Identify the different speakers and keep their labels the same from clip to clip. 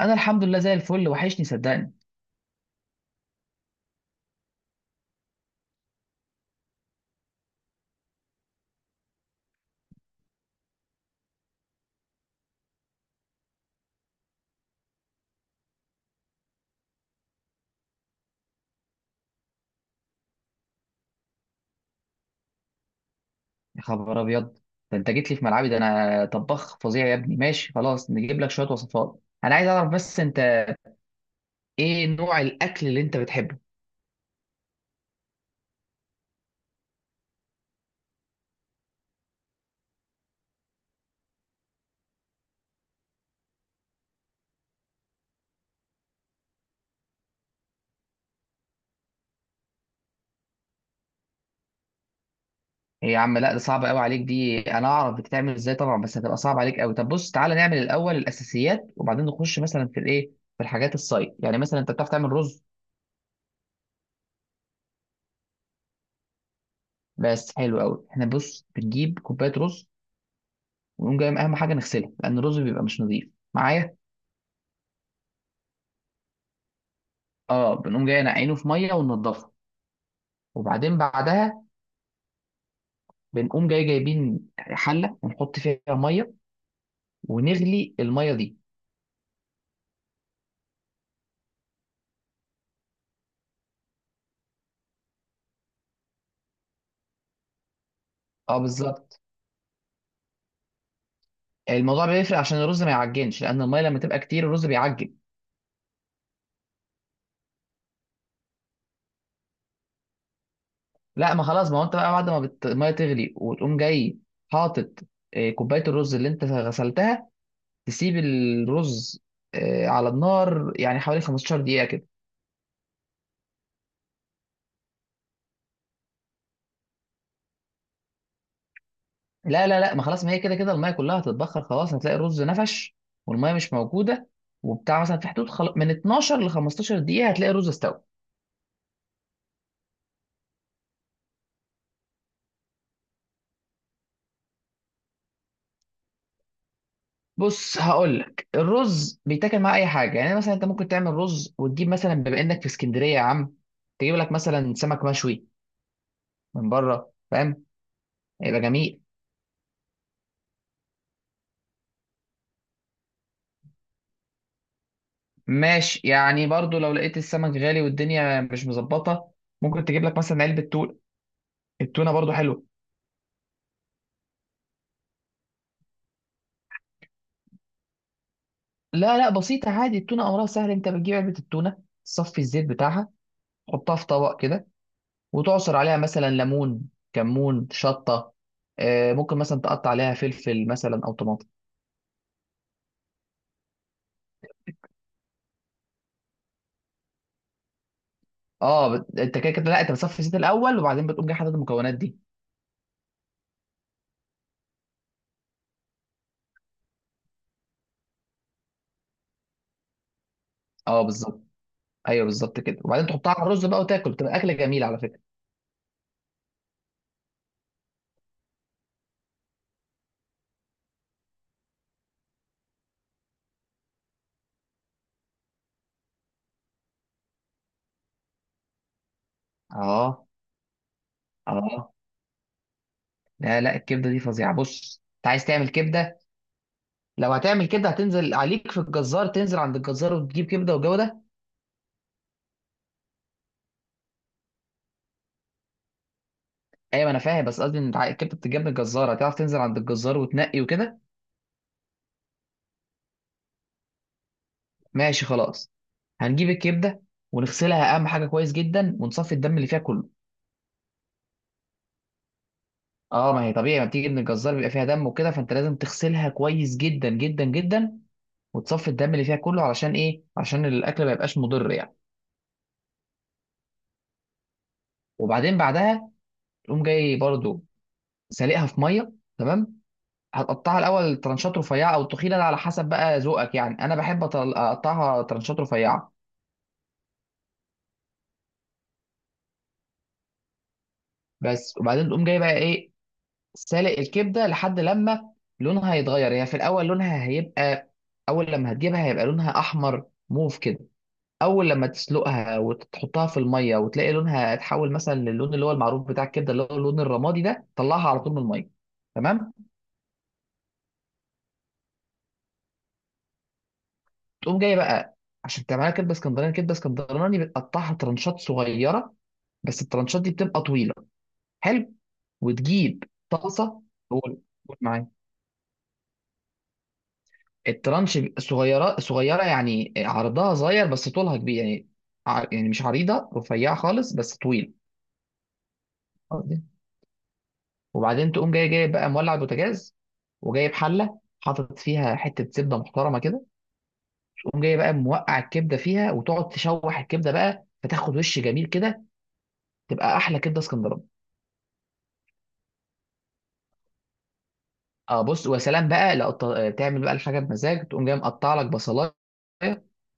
Speaker 1: انا الحمد لله زي الفل، وحشني صدقني. يا خبر ابيض، ده انت جيت لي في ملعبي، ده انا طباخ فظيع يا ابني. ماشي خلاص، نجيب لك شويه وصفات. انا عايز اعرف بس انت ايه نوع الاكل اللي انت بتحبه؟ إيه يا عم، لا ده صعب قوي عليك دي. انا اعرف بتتعمل ازاي طبعا، بس هتبقى صعب عليك قوي. طب بص، تعالى نعمل الاول الاساسيات، وبعدين نخش مثلا في الايه، في الحاجات الصايد. يعني مثلا انت بتعرف تعمل رز؟ بس حلو قوي. احنا بص، بنجيب كوبايه رز، ونقوم جاي اهم حاجه نغسلها، لان الرز بيبقى مش نظيف معايا. اه، بنقوم جاي نعينه في ميه وننضفه، وبعدين بعدها بنقوم جاي جايبين حله ونحط فيها ميه، ونغلي الميه دي. اه بالظبط، الموضوع بيفرق عشان الرز ما يعجنش، لان الميه لما تبقى كتير الرز بيعجن. لا، ما خلاص، ما هو انت بقى بعد ما الميه تغلي، وتقوم جاي حاطط كوبايه الرز اللي انت غسلتها، تسيب الرز على النار يعني حوالي 15 دقيقه كده. لا لا لا، ما خلاص، ما هي كده كده الميه كلها هتتبخر خلاص، هتلاقي الرز نفش والميه مش موجوده. وبتاع مثلا في حدود من 12 ل 15 دقيقه هتلاقي الرز استوى. بص، هقول لك الرز بيتاكل مع اي حاجه، يعني مثلا انت ممكن تعمل رز وتجيب مثلا، بما انك في اسكندريه يا عم، تجيب لك مثلا سمك مشوي من بره، فاهم؟ هيبقى جميل. ماشي، يعني برضو لو لقيت السمك غالي والدنيا مش مظبطه، ممكن تجيب لك مثلا علبه تونه، التونه برضو حلوه. لا لا، بسيطه عادي، التونه امرها سهل. انت بتجيب علبه التونه، تصفي الزيت بتاعها، تحطها في طبق كده، وتعصر عليها مثلا ليمون، كمون، شطه، ممكن مثلا تقطع عليها فلفل مثلا او طماطم. اه انت كده كده، لا، انت بتصفي الزيت الاول، وبعدين بتقوم جاي حاطط المكونات دي. اه بالظبط، ايوه بالظبط كده، وبعدين تحطها على الرز بقى وتاكل، بتبقى اكله جميله على فكره. اه. اه. لا لا، الكبده دي فظيعه. بص، انت عايز تعمل كبده؟ لو هتعمل كبده، هتنزل عليك في الجزار، تنزل عند الجزار وتجيب كبده والجو ده. ايوه، ما انا فاهم، بس قصدي ان الكبده بتتجاب من الجزار، هتعرف تنزل عند الجزار وتنقي وكده. ماشي خلاص، هنجيب الكبده ونغسلها، اهم حاجه كويس جدا، ونصفي الدم اللي فيها كله. اه، ما هي طبيعي، ما بتيجي من الجزار بيبقى فيها دم وكده، فانت لازم تغسلها كويس جدا جدا جدا، وتصفي الدم اللي فيها كله، علشان ايه؟ علشان الاكل ما يبقاش مضر يعني. وبعدين بعدها تقوم جاي برضو سالقها في ميه، تمام. هتقطعها الاول ترانشات رفيعه او تخينه، ده على حسب بقى ذوقك يعني. انا بحب اقطعها ترانشات رفيعه بس. وبعدين تقوم جاي بقى ايه، سالق الكبده لحد لما لونها يتغير. هي في الاول لونها هيبقى، اول لما هتجيبها هيبقى لونها احمر موف كده. اول لما تسلقها وتحطها في الميه وتلاقي لونها اتحول مثلا للون اللي هو المعروف بتاع الكبده، اللي هو اللون الرمادي ده، طلعها على طول من الميه، تمام. تقوم جاي بقى، عشان تعملها كبده اسكندراني. كبده اسكندراني بتقطعها ترنشات صغيره، بس الترنشات دي بتبقى طويله. حلو، وتجيب طاسه. قول قول معايا. الترنش بيبقى صغيره صغيره، يعني عرضها صغير بس طولها كبير يعني، يعني مش عريضه، رفيعه خالص بس طويل. وبعدين تقوم جاي بقى مولع البوتاجاز، وجايب حله حاطط فيها حته زبده محترمه كده. تقوم جاي بقى موقع الكبده فيها، وتقعد تشوح الكبده بقى، فتاخد وش جميل كده، تبقى احلى كبده اسكندراني. اه، بص، وسلام بقى، لو تعمل بقى الحاجه بمزاج، تقوم جاي مقطع لك بصلايه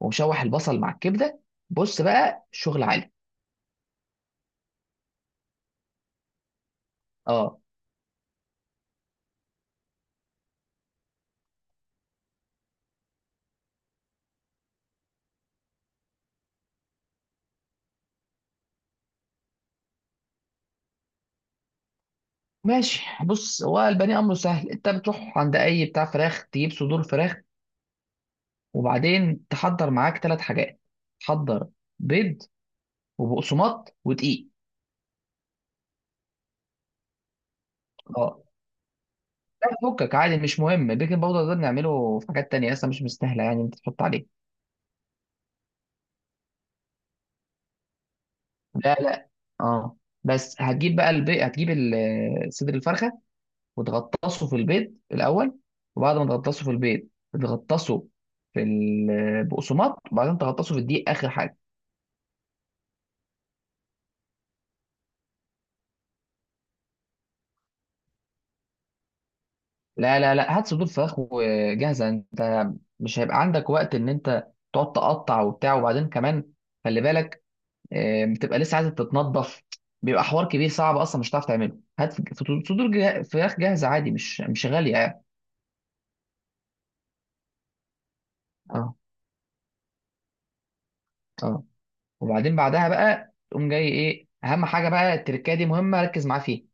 Speaker 1: ومشوح البصل مع الكبده، بص بقى شغل عالي. اه ماشي. بص، هو البني امره سهل، انت بتروح عند اي بتاع فراخ، تجيب صدور فراخ. وبعدين تحضر معاك ثلاث حاجات، تحضر بيض وبقسماط ودقيق. اه، لا فكك عادي، مش مهم. البيكنج باودر ده بنعمله في حاجات تانية، اصلا مش مستاهله يعني انت تحط عليه. لا لا. اه، بس هتجيب بقى البيض، هتجيب صدر الفرخه وتغطسه في البيض الاول، وبعد ما تغطسه في البيض تغطسه في البقسماط، وبعدين تغطسه في الدقيق اخر حاجه. لا لا لا، هات صدور فراخ وجاهزه انت، مش هيبقى عندك وقت ان انت تقعد تقطع وبتاع، وبعدين كمان خلي بالك بتبقى لسه عايزه تتنضف، بيبقى حوار كبير صعب، اصلا مش هتعرف تعمله. هات صدور فراخ جاهزه عادي، مش غاليه يعني. اه. اه. وبعدين بعدها بقى تقوم جاي ايه اهم حاجه بقى، التركايه دي مهمه، ركز معاها فيها.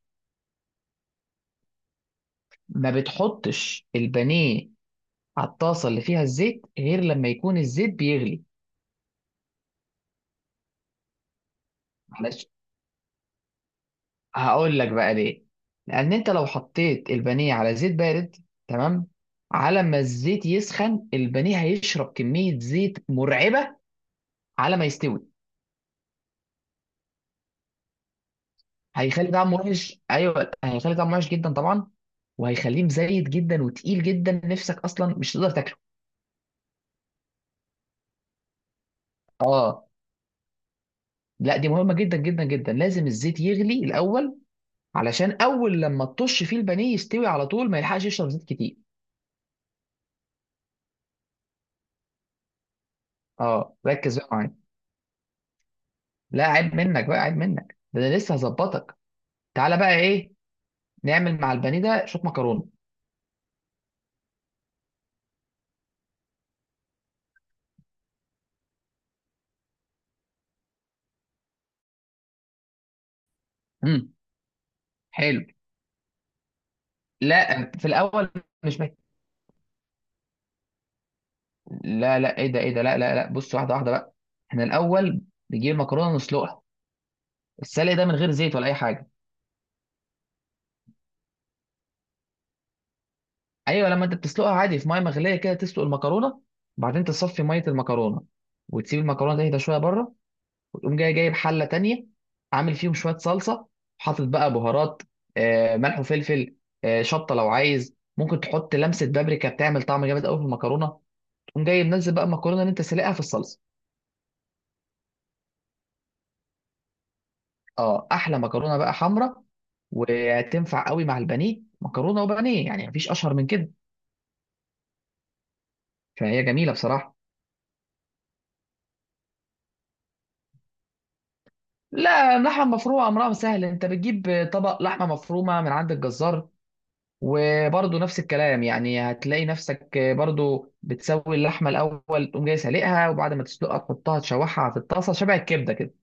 Speaker 1: ما بتحطش البانيه على الطاسه اللي فيها الزيت غير لما يكون الزيت بيغلي. معلش، هقول لك بقى ليه. لان انت لو حطيت البانيه على زيت بارد، تمام، على ما الزيت يسخن البانيه هيشرب كميه زيت مرعبه على ما يستوي. هيخلي طعمه وحش، ايوه هيخلي طعمه وحش جدا طبعا، وهيخليه مزيت جدا وتقيل جدا، نفسك اصلا مش تقدر تاكله. اه، لا دي مهمه جدا جدا جدا، لازم الزيت يغلي الاول، علشان اول لما تطش فيه البانيه يستوي على طول، ما يلحقش يشرب زيت كتير. اه، ركز بقى معايا. لا عيب منك بقى، عيب منك، ده انا لسه هظبطك. تعالى بقى ايه، نعمل مع البانيه ده شويه مكرونه. امم حلو. لا في الاول مش محتاج، لا لا ايه ده ايه ده لا لا لا، بص واحده واحده بقى. احنا الاول بنجيب المكرونه نسلقها، السلق ده من غير زيت ولا اي حاجه. ايوه، لما انت بتسلقها عادي في ميه مغليه كده، تسلق المكرونه، بعدين تصفي ميه المكرونه، وتسيب المكرونه تهدى شويه بره. وتقوم جاي جايب حله تانية، عامل فيهم شويه صلصه، حاطط بقى بهارات، ملح وفلفل، شطه لو عايز، ممكن تحط لمسه بابريكا بتعمل طعم جامد قوي في المكرونه. تقوم جاي منزل بقى المكرونه اللي انت سلقها في الصلصه. اه، احلى مكرونه بقى حمراء، وتنفع قوي مع البانيه، مكرونه وبانيه يعني مفيش اشهر من كده، فهي جميله بصراحه. لا، اللحمه المفرومه امرها سهل، انت بتجيب طبق لحمه مفرومه من عند الجزار، وبرضه نفس الكلام يعني، هتلاقي نفسك برضه بتسوي اللحمه الاول، تقوم جاي سالقها، وبعد ما تسلقها تحطها تشوحها في الطاسه شبه الكبده كده.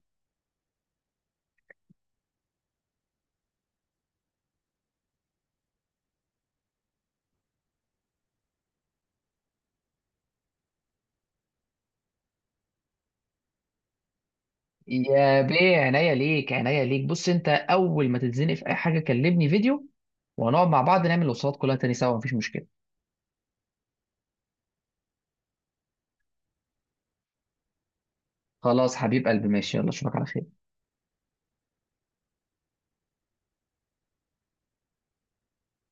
Speaker 1: يا بيه، عينيا ليك عينيا ليك. بص، انت اول ما تتزنق في اي حاجه كلمني فيديو، وهنقعد مع بعض نعمل الوصفات كلها تاني سوا، مفيش مشكله. خلاص حبيب قلبي، ماشي، يلا اشوفك على خير.